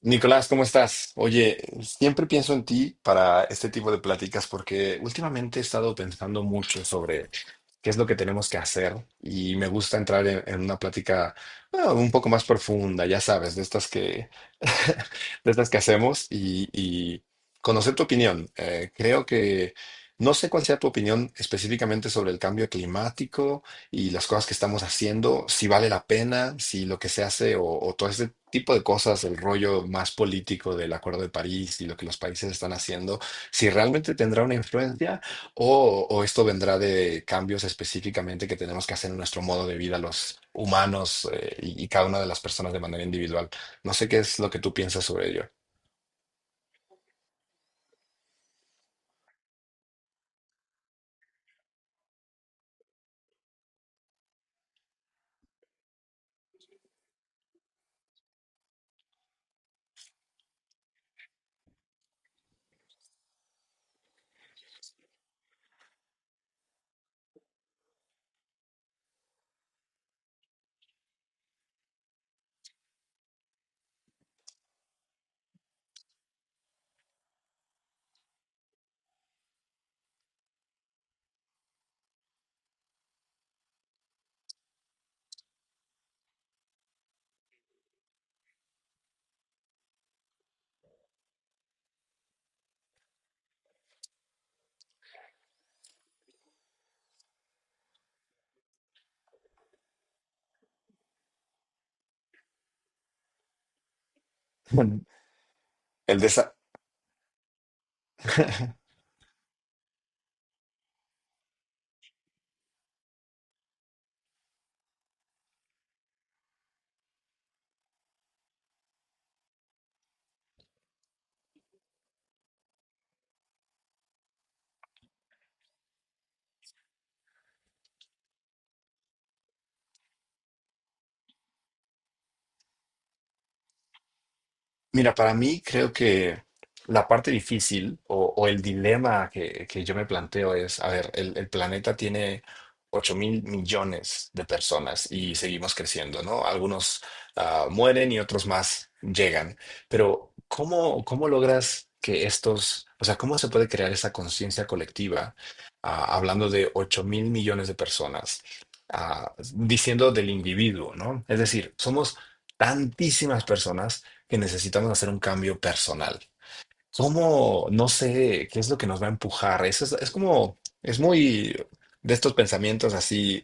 Nicolás, ¿cómo estás? Oye, siempre pienso en ti para este tipo de pláticas porque últimamente he estado pensando mucho sobre qué es lo que tenemos que hacer. Y me gusta entrar en una plática, bueno, un poco más profunda, ya sabes, de estas que, de estas que hacemos y conocer tu opinión. Creo que no sé cuál sea tu opinión específicamente sobre el cambio climático y las cosas que estamos haciendo, si vale la pena, si lo que se hace o todo ese tipo de cosas, el rollo más político del Acuerdo de París y lo que los países están haciendo, si realmente tendrá una influencia o esto vendrá de cambios específicamente que tenemos que hacer en nuestro modo de vida los humanos, y cada una de las personas de manera individual. No sé qué es lo que tú piensas sobre ello. El, desa- Mira, para mí creo que la parte difícil o el dilema que yo me planteo es, a ver, el planeta tiene 8.000 millones de personas y seguimos creciendo, ¿no? Algunos, mueren y otros más llegan, pero ¿cómo, logras que estos, o sea, cómo se puede crear esa conciencia colectiva, hablando de 8.000 millones de personas, diciendo del individuo, ¿no? Es decir, somos tantísimas personas que necesitamos hacer un cambio personal. ¿Cómo? No sé qué es lo que nos va a empujar. Eso es como, es muy de estos pensamientos así,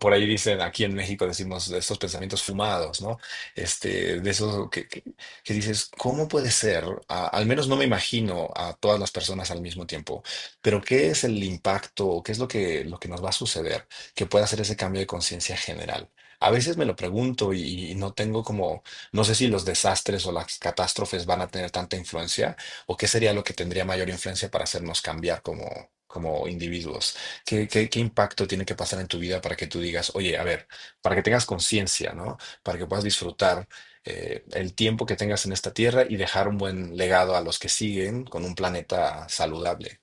por ahí dicen, aquí en México decimos, de estos pensamientos fumados, ¿no? Este, de esos que, que dices, ¿cómo puede ser? Al menos no me imagino a todas las personas al mismo tiempo, pero ¿qué es el impacto? O ¿qué es lo que, nos va a suceder que pueda hacer ese cambio de conciencia general? A veces me lo pregunto y no tengo como, no sé si los desastres o las catástrofes van a tener tanta influencia o qué sería lo que tendría mayor influencia para hacernos cambiar como individuos. ¿Qué impacto tiene que pasar en tu vida para que tú digas, oye, a ver, para que tengas conciencia, ¿no? Para que puedas disfrutar, el tiempo que tengas en esta tierra y dejar un buen legado a los que siguen con un planeta saludable.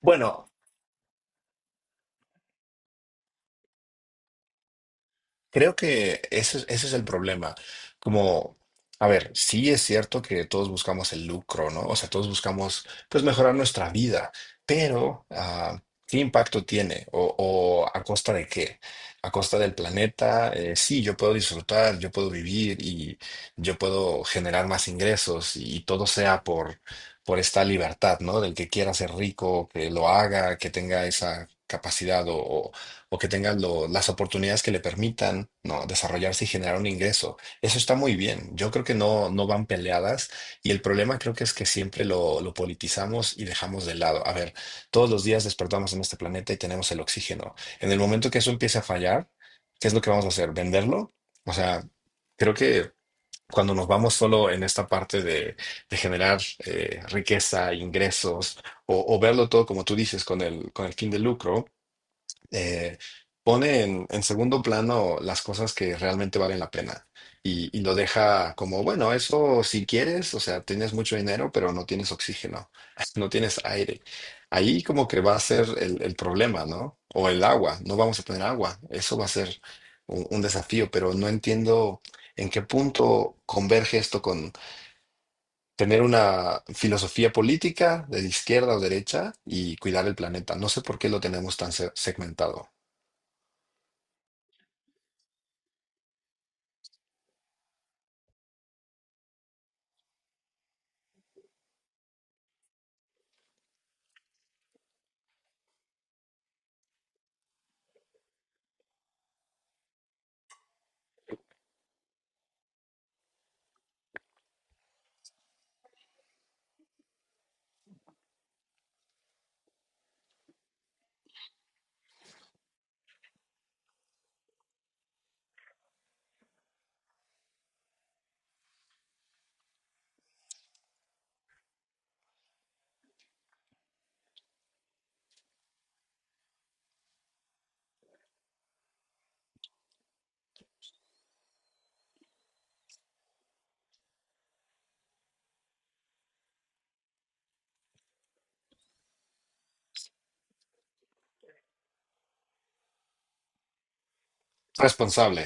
Bueno, creo que ese es el problema. Como, a ver, sí es cierto que todos buscamos el lucro, ¿no? O sea, todos buscamos, pues, mejorar nuestra vida, pero, ¿qué impacto tiene? ¿O o a costa de qué? A costa del planeta. Sí, yo puedo disfrutar, yo puedo vivir y yo puedo generar más ingresos, y todo sea por esta libertad, ¿no? Del que quiera ser rico, que lo haga, que tenga esa capacidad o que tenga las oportunidades que le permitan, ¿no?, desarrollarse y generar un ingreso. Eso está muy bien. Yo creo que no van peleadas, y el problema creo que es que siempre lo politizamos y dejamos de lado. A ver, todos los días despertamos en este planeta y tenemos el oxígeno. En el momento que eso empiece a fallar, ¿qué es lo que vamos a hacer? ¿Venderlo? O sea, creo que cuando nos vamos solo en esta parte de generar, riqueza, ingresos, o verlo todo como tú dices, con el fin de lucro, eh, pone en segundo plano las cosas que realmente valen la pena, y lo deja como, bueno, eso si quieres, o sea, tienes mucho dinero, pero no tienes oxígeno, no tienes aire. Ahí como que va a ser el problema, ¿no? O el agua, no vamos a tener agua, eso va a ser un desafío, pero no entiendo en qué punto converge esto con tener una filosofía política de izquierda o derecha y cuidar el planeta. No sé por qué lo tenemos tan segmentado. Responsable.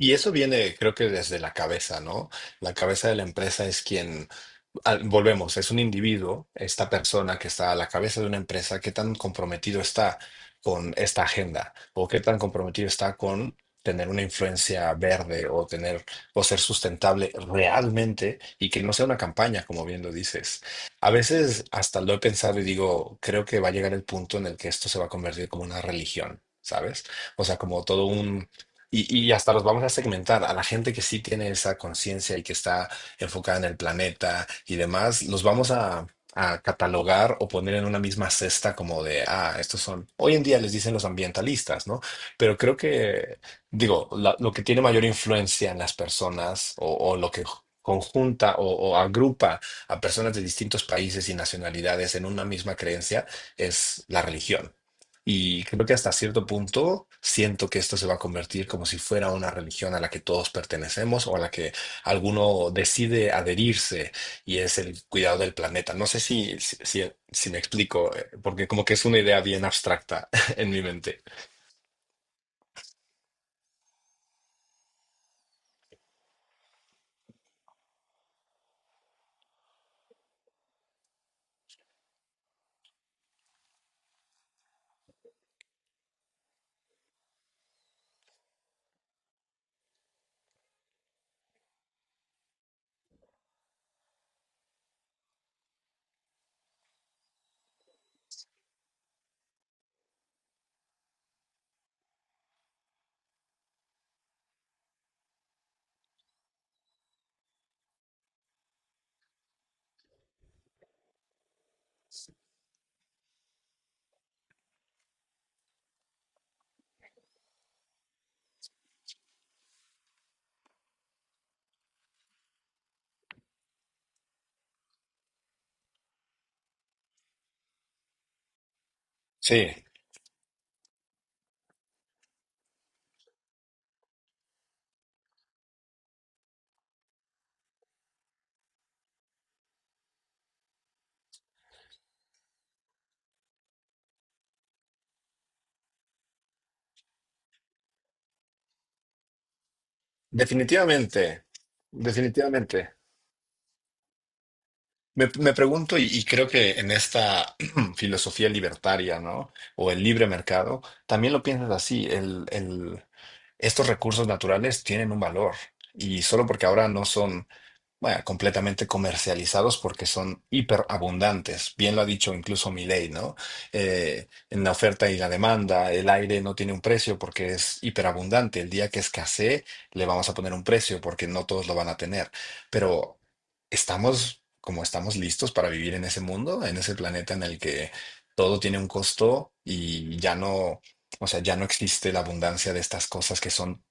Y eso viene, creo que desde la cabeza, ¿no? La cabeza de la empresa es quien, volvemos, es un individuo, esta persona que está a la cabeza de una empresa, qué tan comprometido está con esta agenda, o qué tan comprometido está con tener una influencia verde, o ser sustentable realmente, y que no sea una campaña, como bien lo dices. A veces hasta lo he pensado y digo, creo que va a llegar el punto en el que esto se va a convertir como una religión, ¿sabes? O sea, como todo un... Y, y, hasta los vamos a segmentar, a la gente que sí tiene esa conciencia y que está enfocada en el planeta y demás, los vamos a catalogar o poner en una misma cesta como de, estos son, hoy en día les dicen los ambientalistas, ¿no? Pero creo que, digo, lo que tiene mayor influencia en las personas, o lo que conjunta, o agrupa a personas de distintos países y nacionalidades en una misma creencia, es la religión. Y creo que hasta cierto punto siento que esto se va a convertir como si fuera una religión a la que todos pertenecemos, o a la que alguno decide adherirse, y es el cuidado del planeta. No sé si me explico, porque como que es una idea bien abstracta en mi mente. Sí, definitivamente, definitivamente. Me pregunto, y creo que en esta filosofía libertaria, ¿no? O el libre mercado, también lo piensas así, estos recursos naturales tienen un valor, y solo porque ahora no son, bueno, completamente comercializados, porque son hiperabundantes. Bien lo ha dicho incluso Milei, ¿no? En la oferta y la demanda, el aire no tiene un precio porque es hiperabundante. El día que escasee, le vamos a poner un precio porque no todos lo van a tener. Pero estamos, como, estamos listos para vivir en ese mundo, en ese planeta en el que todo tiene un costo, y ya no, o sea, ya no existe la abundancia de estas cosas que son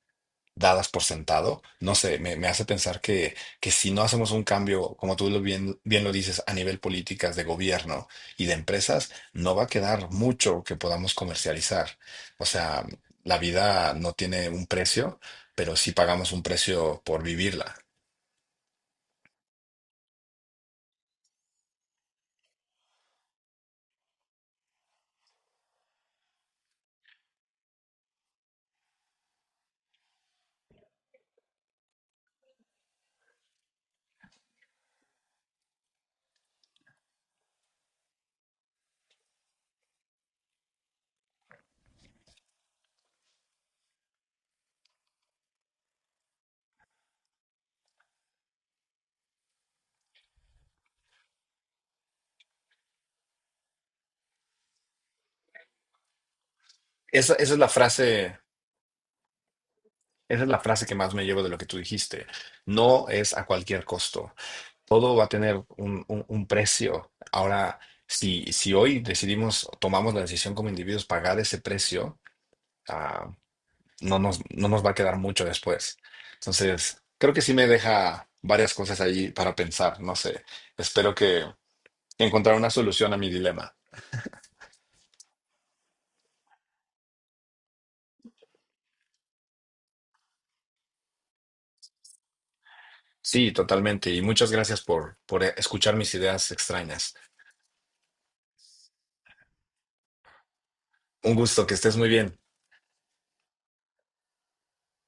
dadas por sentado. No sé, me hace pensar que si no hacemos un cambio, como tú lo bien, bien lo dices, a nivel políticas de gobierno y de empresas, no va a quedar mucho que podamos comercializar. O sea, la vida no tiene un precio, pero sí pagamos un precio por vivirla. Esa es la frase, esa es la frase que más me llevo de lo que tú dijiste. No es a cualquier costo. Todo va a tener un precio. Ahora, si hoy decidimos, tomamos la decisión como individuos pagar ese precio, ah, no nos va a quedar mucho después. Entonces, creo que sí me deja varias cosas ahí para pensar. No sé, espero que encontrar una solución a mi dilema. Sí, totalmente. Y muchas gracias por escuchar mis ideas extrañas. Un gusto, que estés muy bien.